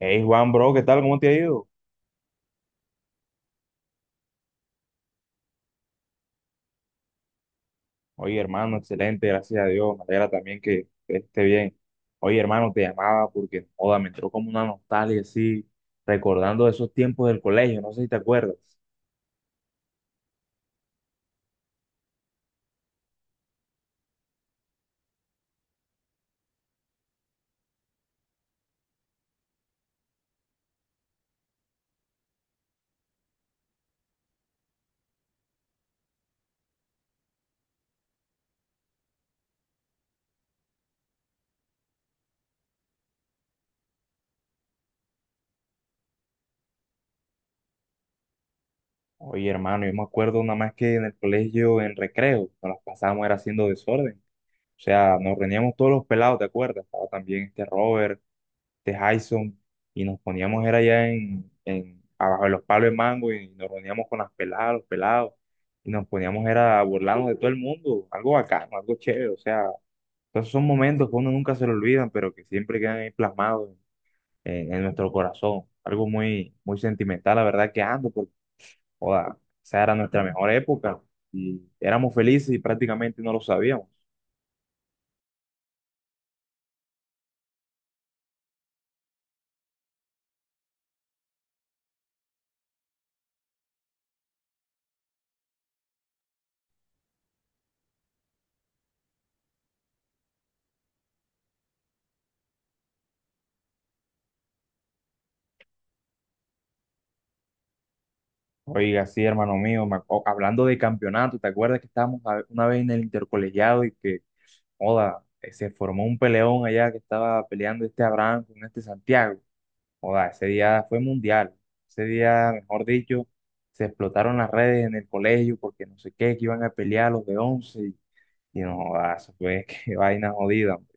Hey Juan, bro, ¿qué tal? ¿Cómo te ha ido? Oye, hermano, excelente, gracias a Dios. Me alegra también que esté bien. Oye, hermano, te llamaba porque, joda, me entró como una nostalgia así, recordando esos tiempos del colegio, no sé si te acuerdas. Oye, hermano, yo me acuerdo nada más que en el colegio, en recreo, nos las pasábamos era haciendo desorden. O sea, nos reuníamos todos los pelados, ¿te acuerdas? Estaba también este Robert de Hyson, y nos poníamos, era allá abajo de los palos de mango, y nos reuníamos con las peladas, los pelados, y nos poníamos, era a burlarnos de todo el mundo, algo bacano, algo chévere, o sea, esos son momentos que uno nunca se lo olvidan, pero que siempre quedan ahí plasmados en nuestro corazón, algo muy, muy sentimental, la verdad que ando, porque, joda, esa era nuestra mejor época, y éramos felices y prácticamente no lo sabíamos. Oiga, sí, hermano mío, hablando de campeonato, ¿te acuerdas que estábamos una vez en el intercolegiado y que Oda, se formó un peleón allá que estaba peleando este Abraham con este Santiago. Oda, ese día fue mundial. Ese día, mejor dicho, se explotaron las redes en el colegio porque no sé qué, que iban a pelear los de 11 Y, y no, joda, eso fue qué vaina jodida, hombre.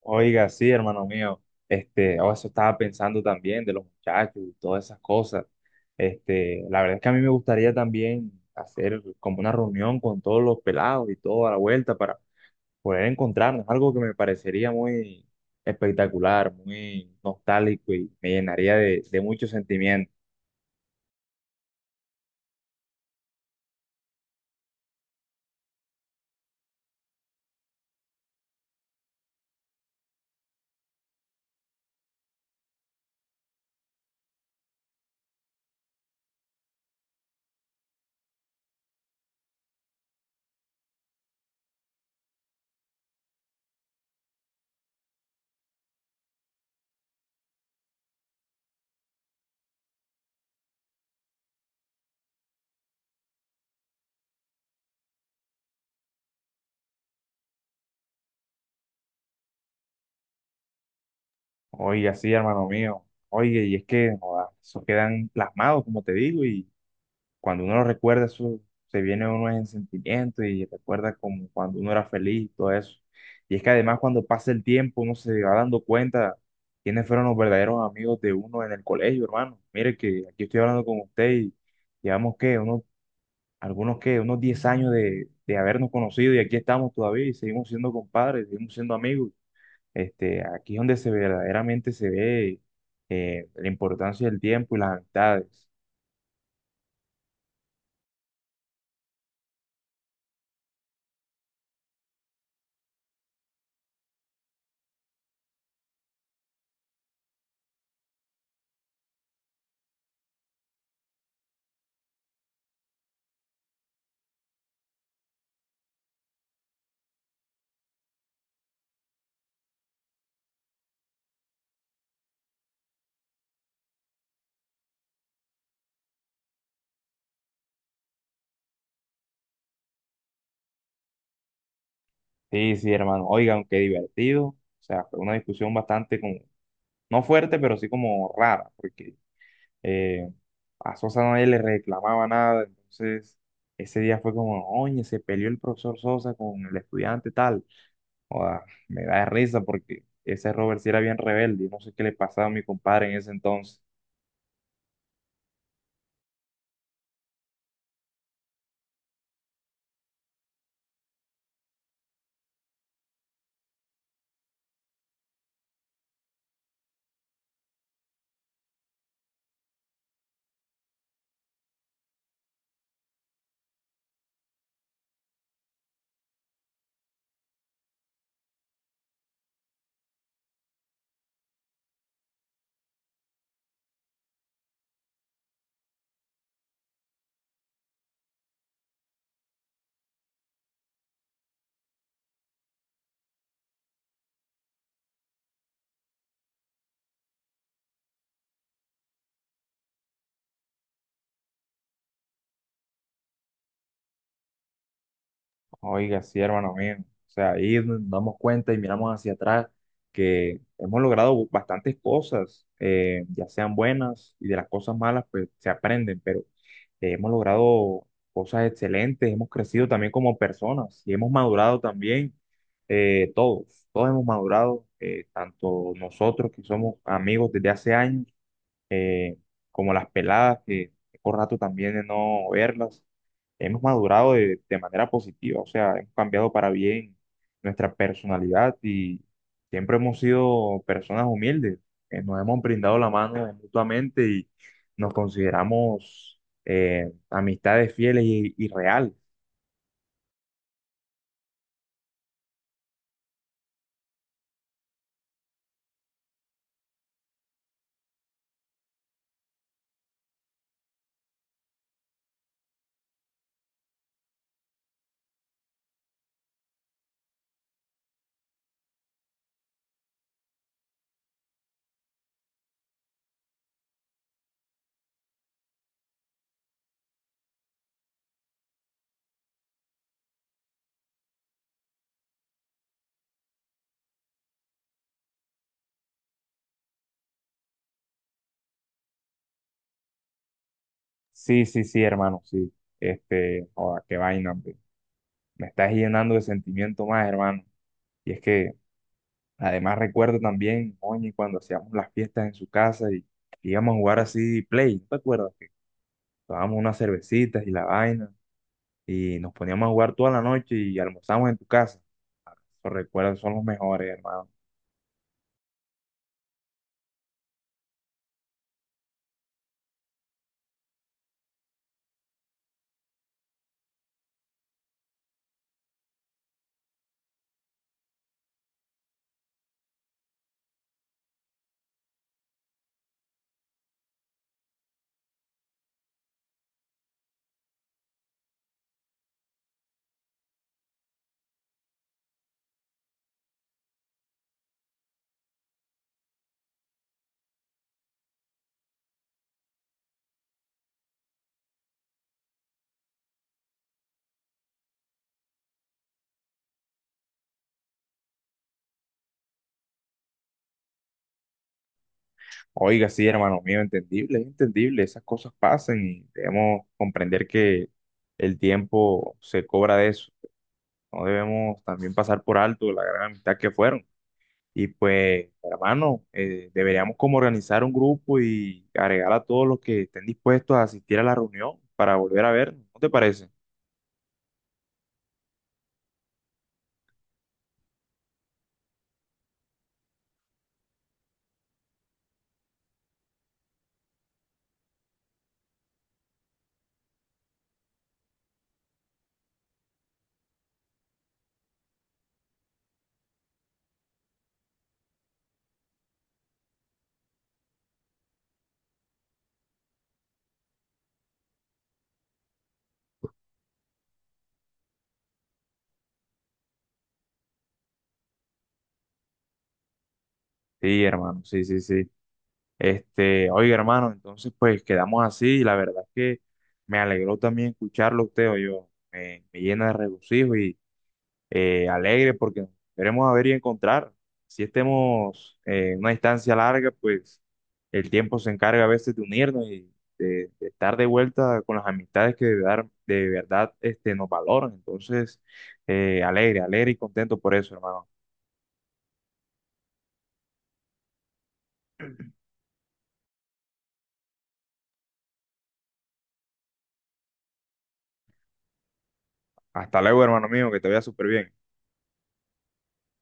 Oiga, sí, hermano mío. Eso estaba pensando también de los muchachos y todas esas cosas. La verdad es que a mí me gustaría también hacer como una reunión con todos los pelados y toda la vuelta para poder encontrarnos, algo que me parecería muy espectacular, muy nostálgico y me llenaría de mucho sentimiento. Oye, así, hermano mío, oye, y es que joda, eso quedan plasmados, como te digo, y cuando uno lo recuerda, eso se viene a uno en sentimiento y recuerda como cuando uno era feliz y todo eso. Y es que además cuando pasa el tiempo, uno se va dando cuenta quiénes fueron los verdaderos amigos de uno en el colegio, hermano. Mire que aquí estoy hablando con usted y llevamos, que Unos algunos que unos 10 años de habernos conocido y aquí estamos todavía y seguimos siendo compadres, seguimos siendo amigos. Aquí es donde se verdaderamente se ve la importancia del tiempo y las amistades. Sí, sí, hermano. Oigan, qué divertido. O sea, fue una discusión bastante como, no fuerte, pero sí como rara, porque eh, a Sosa nadie le reclamaba nada. Entonces, ese día fue como, oye, se peleó el profesor Sosa con el estudiante tal. Joda, me da risa porque ese Robert sí era bien rebelde y no sé qué le pasaba a mi compadre en ese entonces. Oiga, sí, hermano mío. O sea, ahí nos damos cuenta y miramos hacia atrás que hemos logrado bastantes cosas, ya sean buenas y de las cosas malas, pues se aprenden, pero hemos logrado cosas excelentes, hemos crecido también como personas y hemos madurado también todos hemos madurado, tanto nosotros que somos amigos desde hace años eh, como las peladas, que tengo rato también de no verlas. Hemos madurado de manera positiva, o sea, hemos cambiado para bien nuestra personalidad y siempre hemos sido personas humildes, que nos hemos brindado la mano mutuamente y nos consideramos amistades fieles y reales. Sí, sí, sí, hermano, sí. Joda, qué vaina, hombre. Me estás llenando de sentimiento más, hermano. Y es que además, recuerdo también, oye, cuando hacíamos las fiestas en su casa y íbamos a jugar así play, ¿no te acuerdas? Que tomábamos unas cervecitas y la vaina y nos poníamos a jugar toda la noche y almorzamos en tu casa. Los recuerdos son los mejores, hermano. Oiga, sí, hermano mío, entendible, es entendible, esas cosas pasan y debemos comprender que el tiempo se cobra de eso. No debemos también pasar por alto la gran amistad que fueron. Y pues, hermano, deberíamos como organizar un grupo y agregar a todos los que estén dispuestos a asistir a la reunión para volver a ver, ¿no te parece? Sí, hermano, sí, sí, sí. Oiga, hermano, entonces pues quedamos así y la verdad es que me alegró también escucharlo a usted, o yo me llena de regocijo y alegre porque nos veremos a ver y encontrar. Si estemos en una distancia larga, pues el tiempo se encarga a veces de unirnos y de estar de vuelta con las amistades que de verdad nos valoran. Entonces, alegre, alegre y contento por eso, hermano. Hasta luego, hermano mío, que te vaya súper bien.